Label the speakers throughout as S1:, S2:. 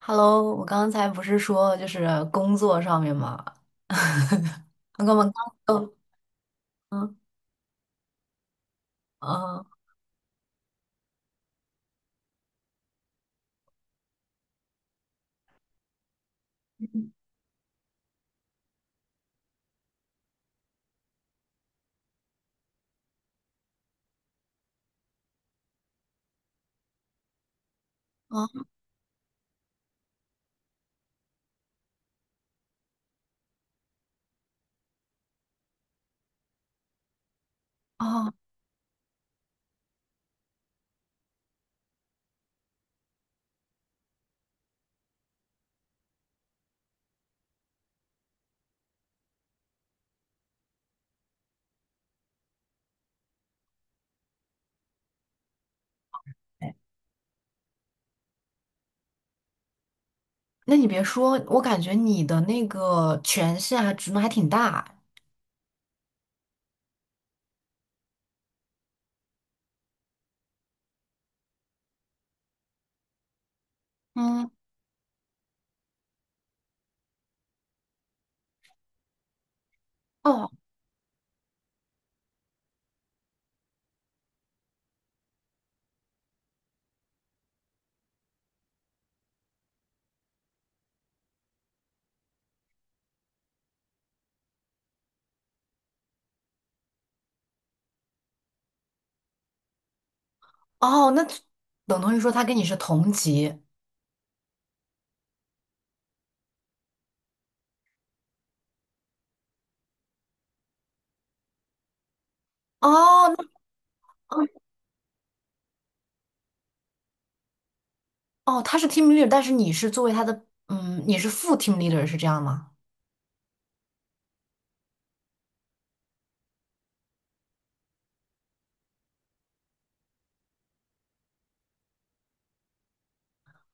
S1: Hello，我刚才不是说就是工作上面嘛。我刚刚刚嗯嗯嗯哦。哎，那你别说，我感觉你的那个权限还职能还挺大。嗯。哦哦，那等同于说他跟你是同级。哦，那哦，他是 team leader，但是你是作为他的你是副 team leader 是这样吗？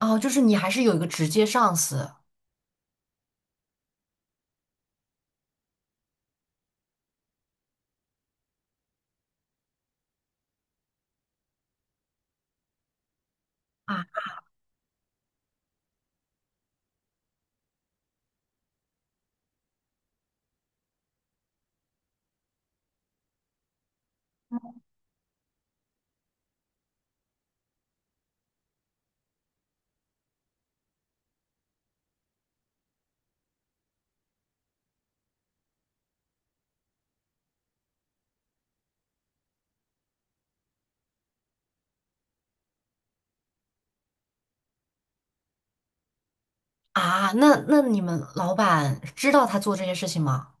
S1: 哦，就是你还是有一个直接上司。啊那那你们老板知道他做这些事情吗？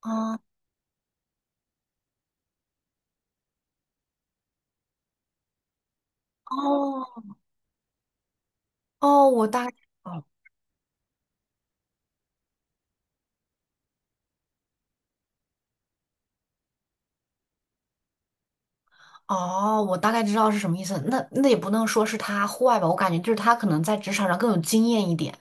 S1: 啊。哦哦，我大概。哦哦，我大概知道是什么意思。那那也不能说是他坏吧，我感觉就是他可能在职场上更有经验一点。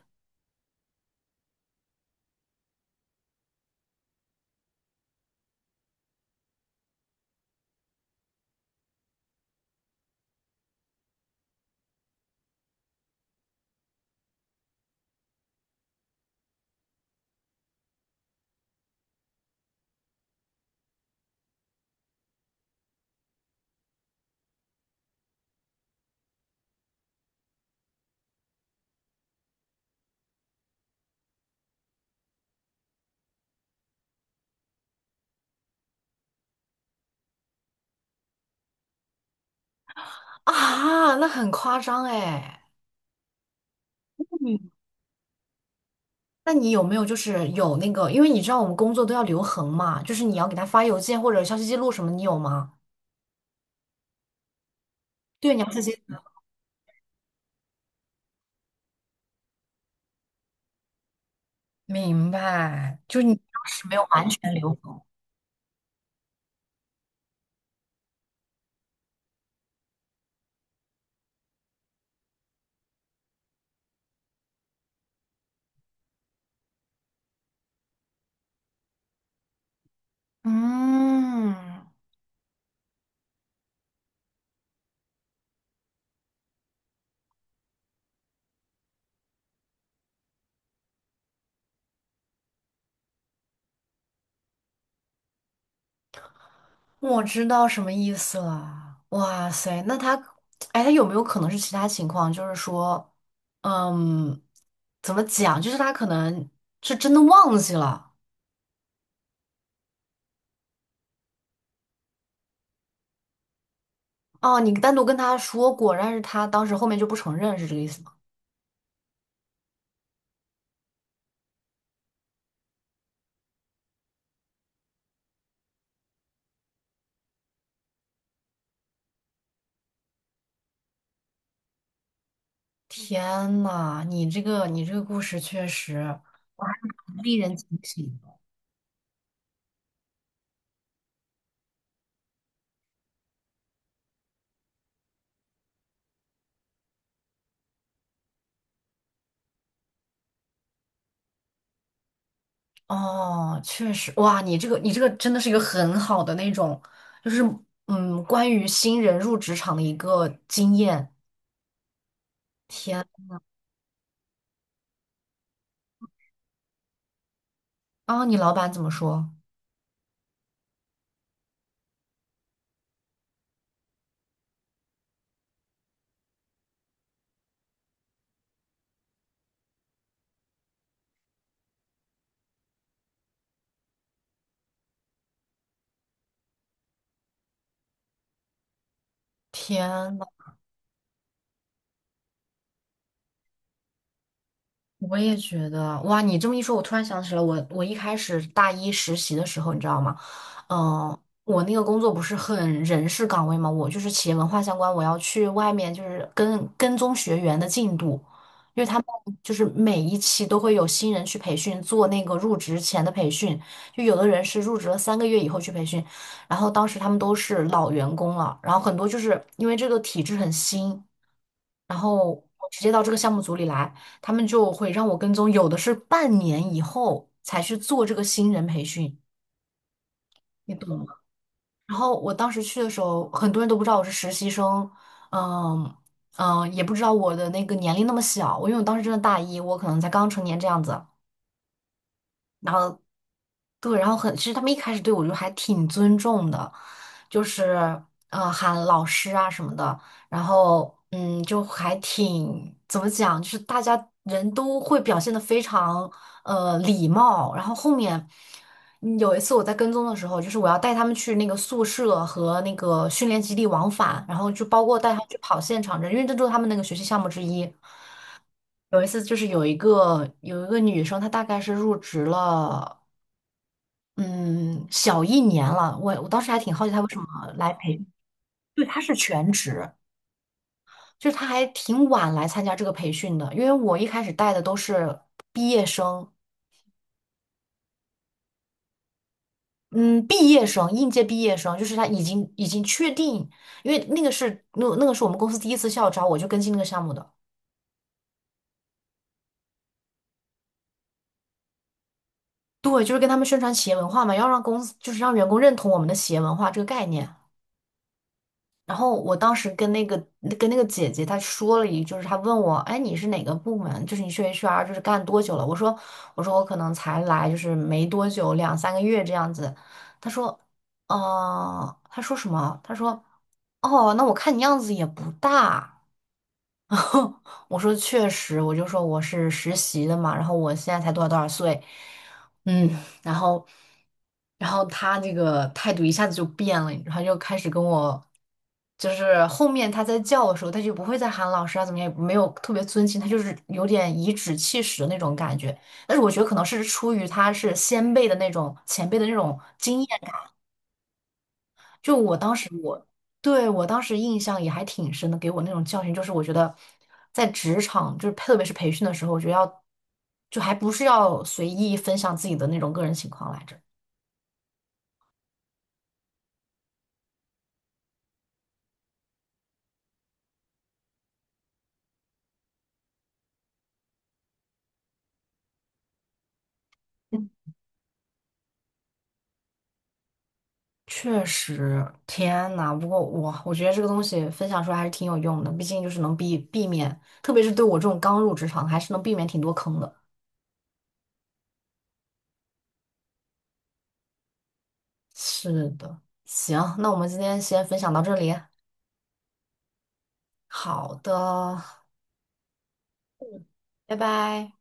S1: 啊，那很夸张哎。嗯，那你有没有就是有那个，因为你知道我们工作都要留痕嘛，就是你要给他发邮件或者消息记录什么，你有吗？对，你要自己。明白，就是你当时没有完全留痕。嗯，我知道什么意思了。哇塞，那他，哎，他有没有可能是其他情况？就是说，嗯，怎么讲？就是他可能是真的忘记了。哦，你单独跟他说过，但是他当时后面就不承认，是这个意思吗？天呐，你这个你这个故事确实。哇，还蛮令人警醒的。哦，确实。哇，你这个你这个真的是一个很好的那种，就是关于新人入职场的一个经验。天。啊，你老板怎么说？天呐，我也觉得。哇，你这么一说，我突然想起了我，我一开始大一实习的时候，你知道吗？嗯，我那个工作不是很人事岗位嘛，我就是企业文化相关，我要去外面就是跟跟踪学员的进度，因为他们就是每一期都会有新人去培训，做那个入职前的培训，就有的人是入职了三个月以后去培训，然后当时他们都是老员工了，然后很多就是因为这个体制很新。然后我直接到这个项目组里来，他们就会让我跟踪，有的是半年以后才去做这个新人培训，你懂吗？然后我当时去的时候，很多人都不知道我是实习生。嗯嗯，也不知道我的那个年龄那么小，我因为我当时真的大一，我可能才刚成年这样子。然后对，然后很，其实他们一开始对我就还挺尊重的，就是喊老师啊什么的，然后就还挺怎么讲，就是大家人都会表现的非常礼貌，然后后面。嗯，有一次我在跟踪的时候，就是我要带他们去那个宿舍和那个训练基地往返，然后就包括带他们去跑现场这，因为这都是他们那个学习项目之一。有一次就是有一个女生，她大概是入职了嗯，小一年了。我当时还挺好奇他为什么来培。对，他是全职，就是他还挺晚来参加这个培训的。因为我一开始带的都是毕业生。嗯，毕业生，应届毕业生，就是他已经确定，因为那个是那个是我们公司第一次校招，我就跟进那个项目的。对，就是跟他们宣传企业文化嘛，要让公司就是让员工认同我们的企业文化这个概念。然后我当时跟那个跟那个姐姐她说了一句，就是她问我，哎，你是哪个部门？就是你去 HR 就是干多久了？我说我可能才来就是没多久，两三个月这样子。她说，哦、她说什么？她说，哦，那我看你样子也不大。然后我说确实，我就说我是实习的嘛，然后我现在才多少多少岁。嗯，然后，然后他那个态度一下子就变了，然后就开始跟我，就是后面他在叫的时候，他就不会再喊老师啊，怎么样，也没有特别尊敬，他就是有点颐指气使的那种感觉。但是我觉得可能是出于他是先辈的那种前辈的那种经验，就我当时我对我当时印象也还挺深的，给我那种教训就是，我觉得在职场，就是特别是培训的时候，我觉得要就还不是要随意分享自己的那种个人情况来着。嗯，确实，天呐，不过我觉得这个东西分享出来还是挺有用的，毕竟就是能避免，特别是对我这种刚入职场，还是能避免挺多坑的。是的，行，那我们今天先分享到这里。好的，拜拜。